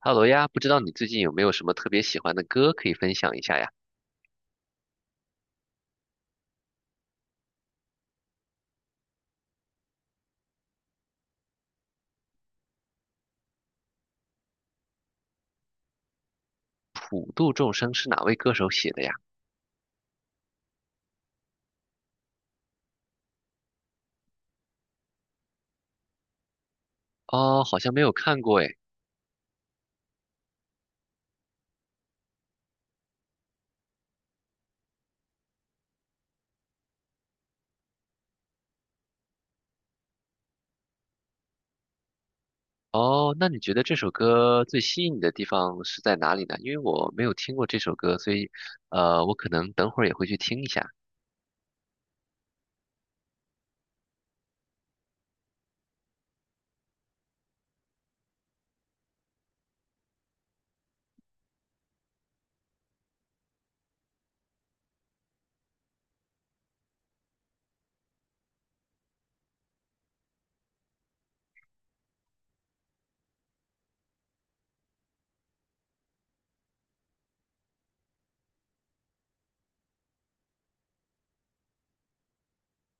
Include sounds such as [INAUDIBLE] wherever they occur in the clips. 哈喽呀，不知道你最近有没有什么特别喜欢的歌可以分享一下呀？普度众生是哪位歌手写的呀？哦，好像没有看过诶。哦，那你觉得这首歌最吸引你的地方是在哪里呢？因为我没有听过这首歌，所以我可能等会儿也会去听一下。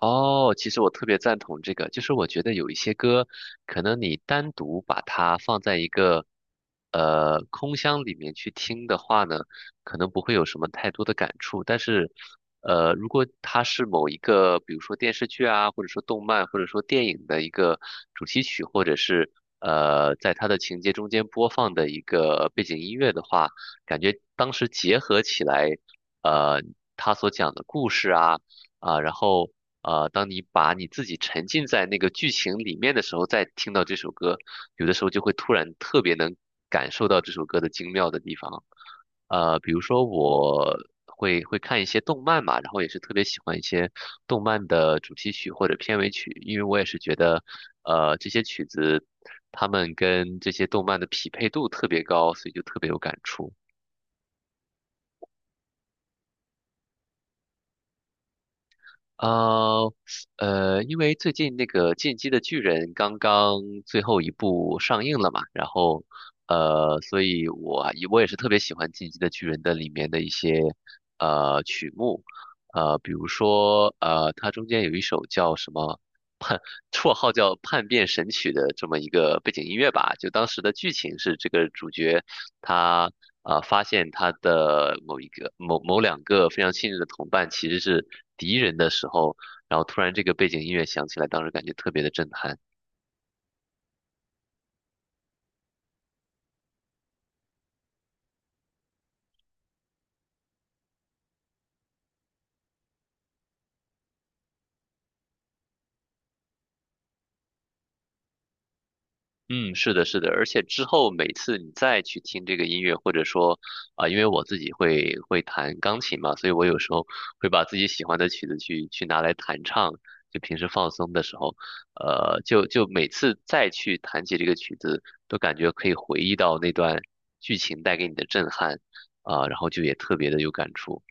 哦，其实我特别赞同这个，就是我觉得有一些歌，可能你单独把它放在一个空箱里面去听的话呢，可能不会有什么太多的感触。但是，呃，如果它是某一个，比如说电视剧啊，或者说动漫，或者说电影的一个主题曲，或者是在它的情节中间播放的一个背景音乐的话，感觉当时结合起来，呃，他所讲的故事啊。啊，然后当你把你自己沉浸在那个剧情里面的时候，再听到这首歌，有的时候就会突然特别能感受到这首歌的精妙的地方。呃，比如说我会看一些动漫嘛，然后也是特别喜欢一些动漫的主题曲或者片尾曲，因为我也是觉得，呃，这些曲子它们跟这些动漫的匹配度特别高，所以就特别有感触。呃，因为最近那个《进击的巨人》刚刚最后一部上映了嘛，然后，呃，所以我也是特别喜欢《进击的巨人》的里面的一些曲目，呃，比如说它中间有一首叫什么叛，绰号叫叛变神曲的这么一个背景音乐吧，就当时的剧情是这个主角。他发现他的某一个某某两个非常信任的同伴其实是敌人的时候，然后突然这个背景音乐响起来，当时感觉特别的震撼。嗯，是的，是的，而且之后每次你再去听这个音乐，或者说啊、因为我自己会弹钢琴嘛，所以我有时候会把自己喜欢的曲子去拿来弹唱，就平时放松的时候，呃，就每次再去弹起这个曲子，都感觉可以回忆到那段剧情带给你的震撼啊、然后就也特别的有感触。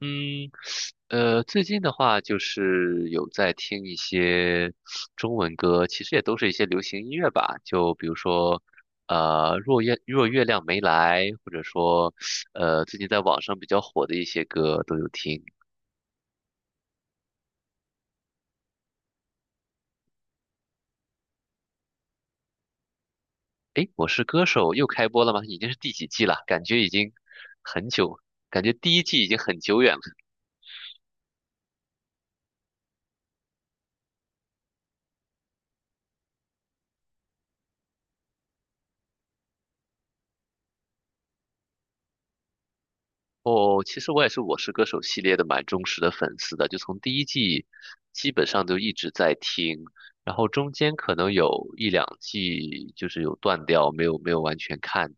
嗯，呃，最近的话就是有在听一些中文歌，其实也都是一些流行音乐吧。就比如说，呃，若月亮没来，或者说，呃，最近在网上比较火的一些歌都有听。诶，我是歌手又开播了吗？已经是第几季了？感觉已经很久，感觉第一季已经很久远了。哦，其实我也是《我是歌手》系列的蛮忠实的粉丝的，就从第一季基本上都一直在听，然后中间可能有一两季就是有断掉，没有完全看，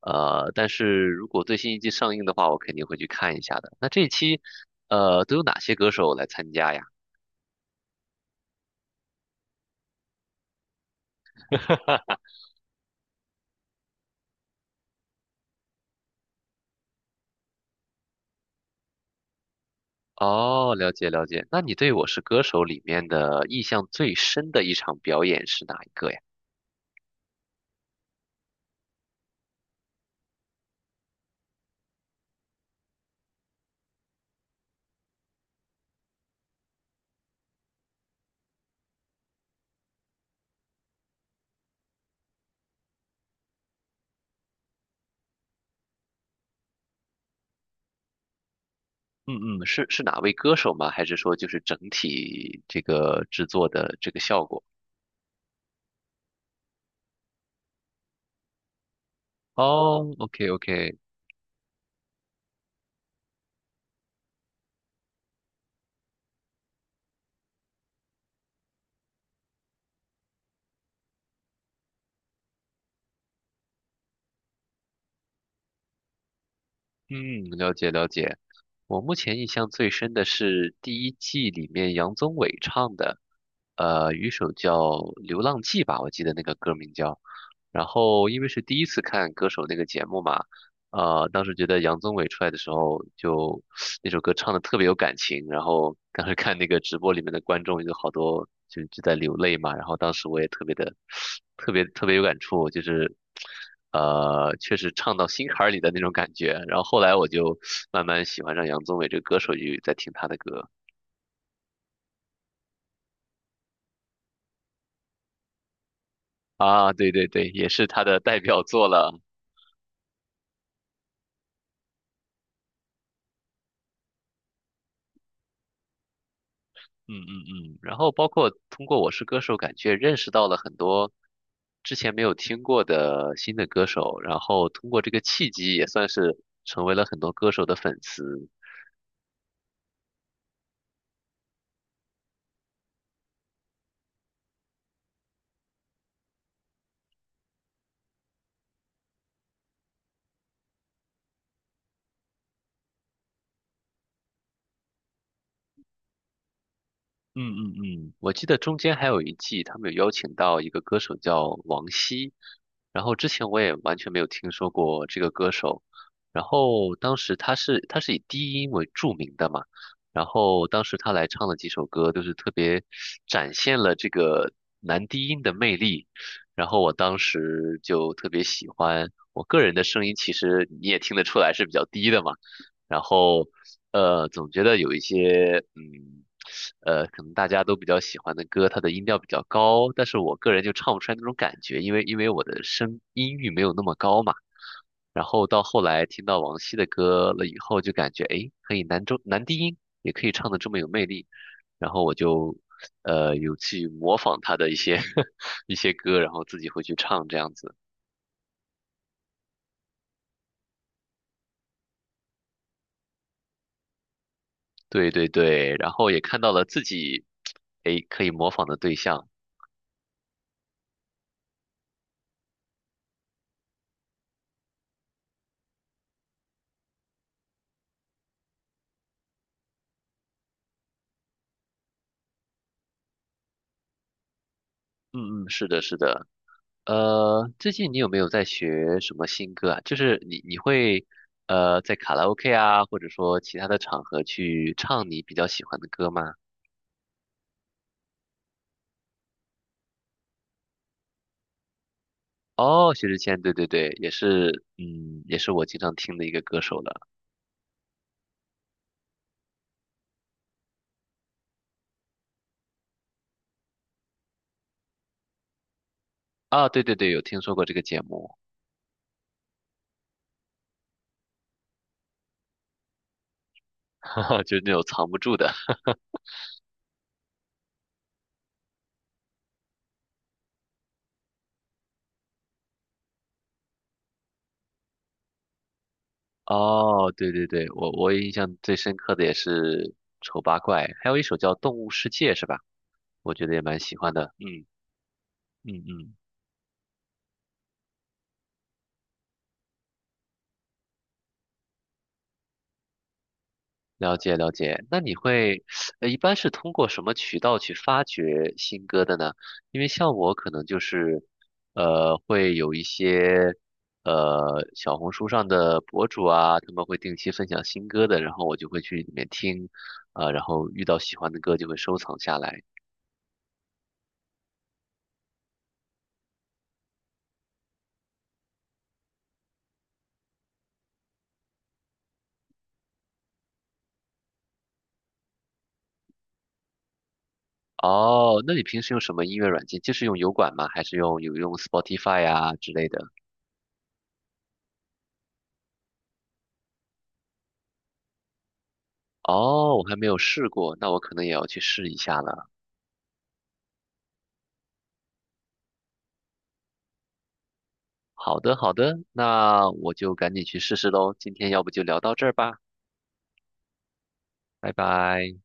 呃，但是如果最新一季上映的话，我肯定会去看一下的。那这一期，呃，都有哪些歌手来参加呀？哦，了解了解。那你对《我是歌手》里面的印象最深的一场表演是哪一个呀？嗯嗯，是哪位歌手吗？还是说就是整体这个制作的这个效果？哦，OK OK，嗯，了解了解。我目前印象最深的是第一季里面杨宗纬唱的，呃，有一首叫《流浪记》吧，我记得那个歌名叫。然后因为是第一次看歌手那个节目嘛，呃，当时觉得杨宗纬出来的时候就 [SUCKS TEETH] 那首歌唱的特别有感情，然后当时看那个直播里面的观众有好多就在流泪嘛，然后当时我也特别的 [SUCKS TEETH] 特别特别有感触，就是呃，确实唱到心坎儿里的那种感觉。然后后来我就慢慢喜欢上杨宗纬这个歌手，就在听他的歌啊，对对对，也是他的代表作了。嗯嗯嗯，然后包括通过《我是歌手》，感觉认识到了很多之前没有听过的新的歌手，然后通过这个契机，也算是成为了很多歌手的粉丝。嗯嗯嗯，我记得中间还有一季，他们有邀请到一个歌手叫王晰，然后之前我也完全没有听说过这个歌手，然后当时他是以低音为著名的嘛，然后当时他来唱的几首歌都是特别展现了这个男低音的魅力，然后我当时就特别喜欢，我个人的声音其实你也听得出来是比较低的嘛。然后呃，总觉得有一些，嗯，呃，可能大家都比较喜欢的歌，它的音调比较高，但是我个人就唱不出来那种感觉，因为我的声音域没有那么高嘛。然后到后来听到王晰的歌了以后，就感觉诶，可以男低音也可以唱的这么有魅力，然后我就有去模仿他的一些 [LAUGHS] 一些歌，然后自己会去唱这样子。对对对，然后也看到了自己诶可以模仿的对象。嗯嗯，是的，是的。呃，最近你有没有在学什么新歌啊？就是你会在卡拉 OK 啊，或者说其他的场合去唱你比较喜欢的歌吗？哦，薛之谦，对对对，也是，嗯，也是我经常听的一个歌手了。啊，对对对，有听说过这个节目，[LAUGHS] 哈哈，就是那种藏不住的。哦，对对对，我印象最深刻的也是《丑八怪》，还有一首叫《动物世界》，是吧？我觉得也蛮喜欢的。嗯嗯嗯。了解了解，那你会，呃，一般是通过什么渠道去发掘新歌的呢？因为像我可能就是，呃，会有一些，呃，小红书上的博主啊，他们会定期分享新歌的，然后我就会去里面听，啊、然后遇到喜欢的歌就会收藏下来。哦，那你平时用什么音乐软件？就是用油管吗？还是用 Spotify 呀之类的？哦，我还没有试过，那我可能也要去试一下了。好的，好的，那我就赶紧去试试喽。今天要不就聊到这儿吧，拜拜。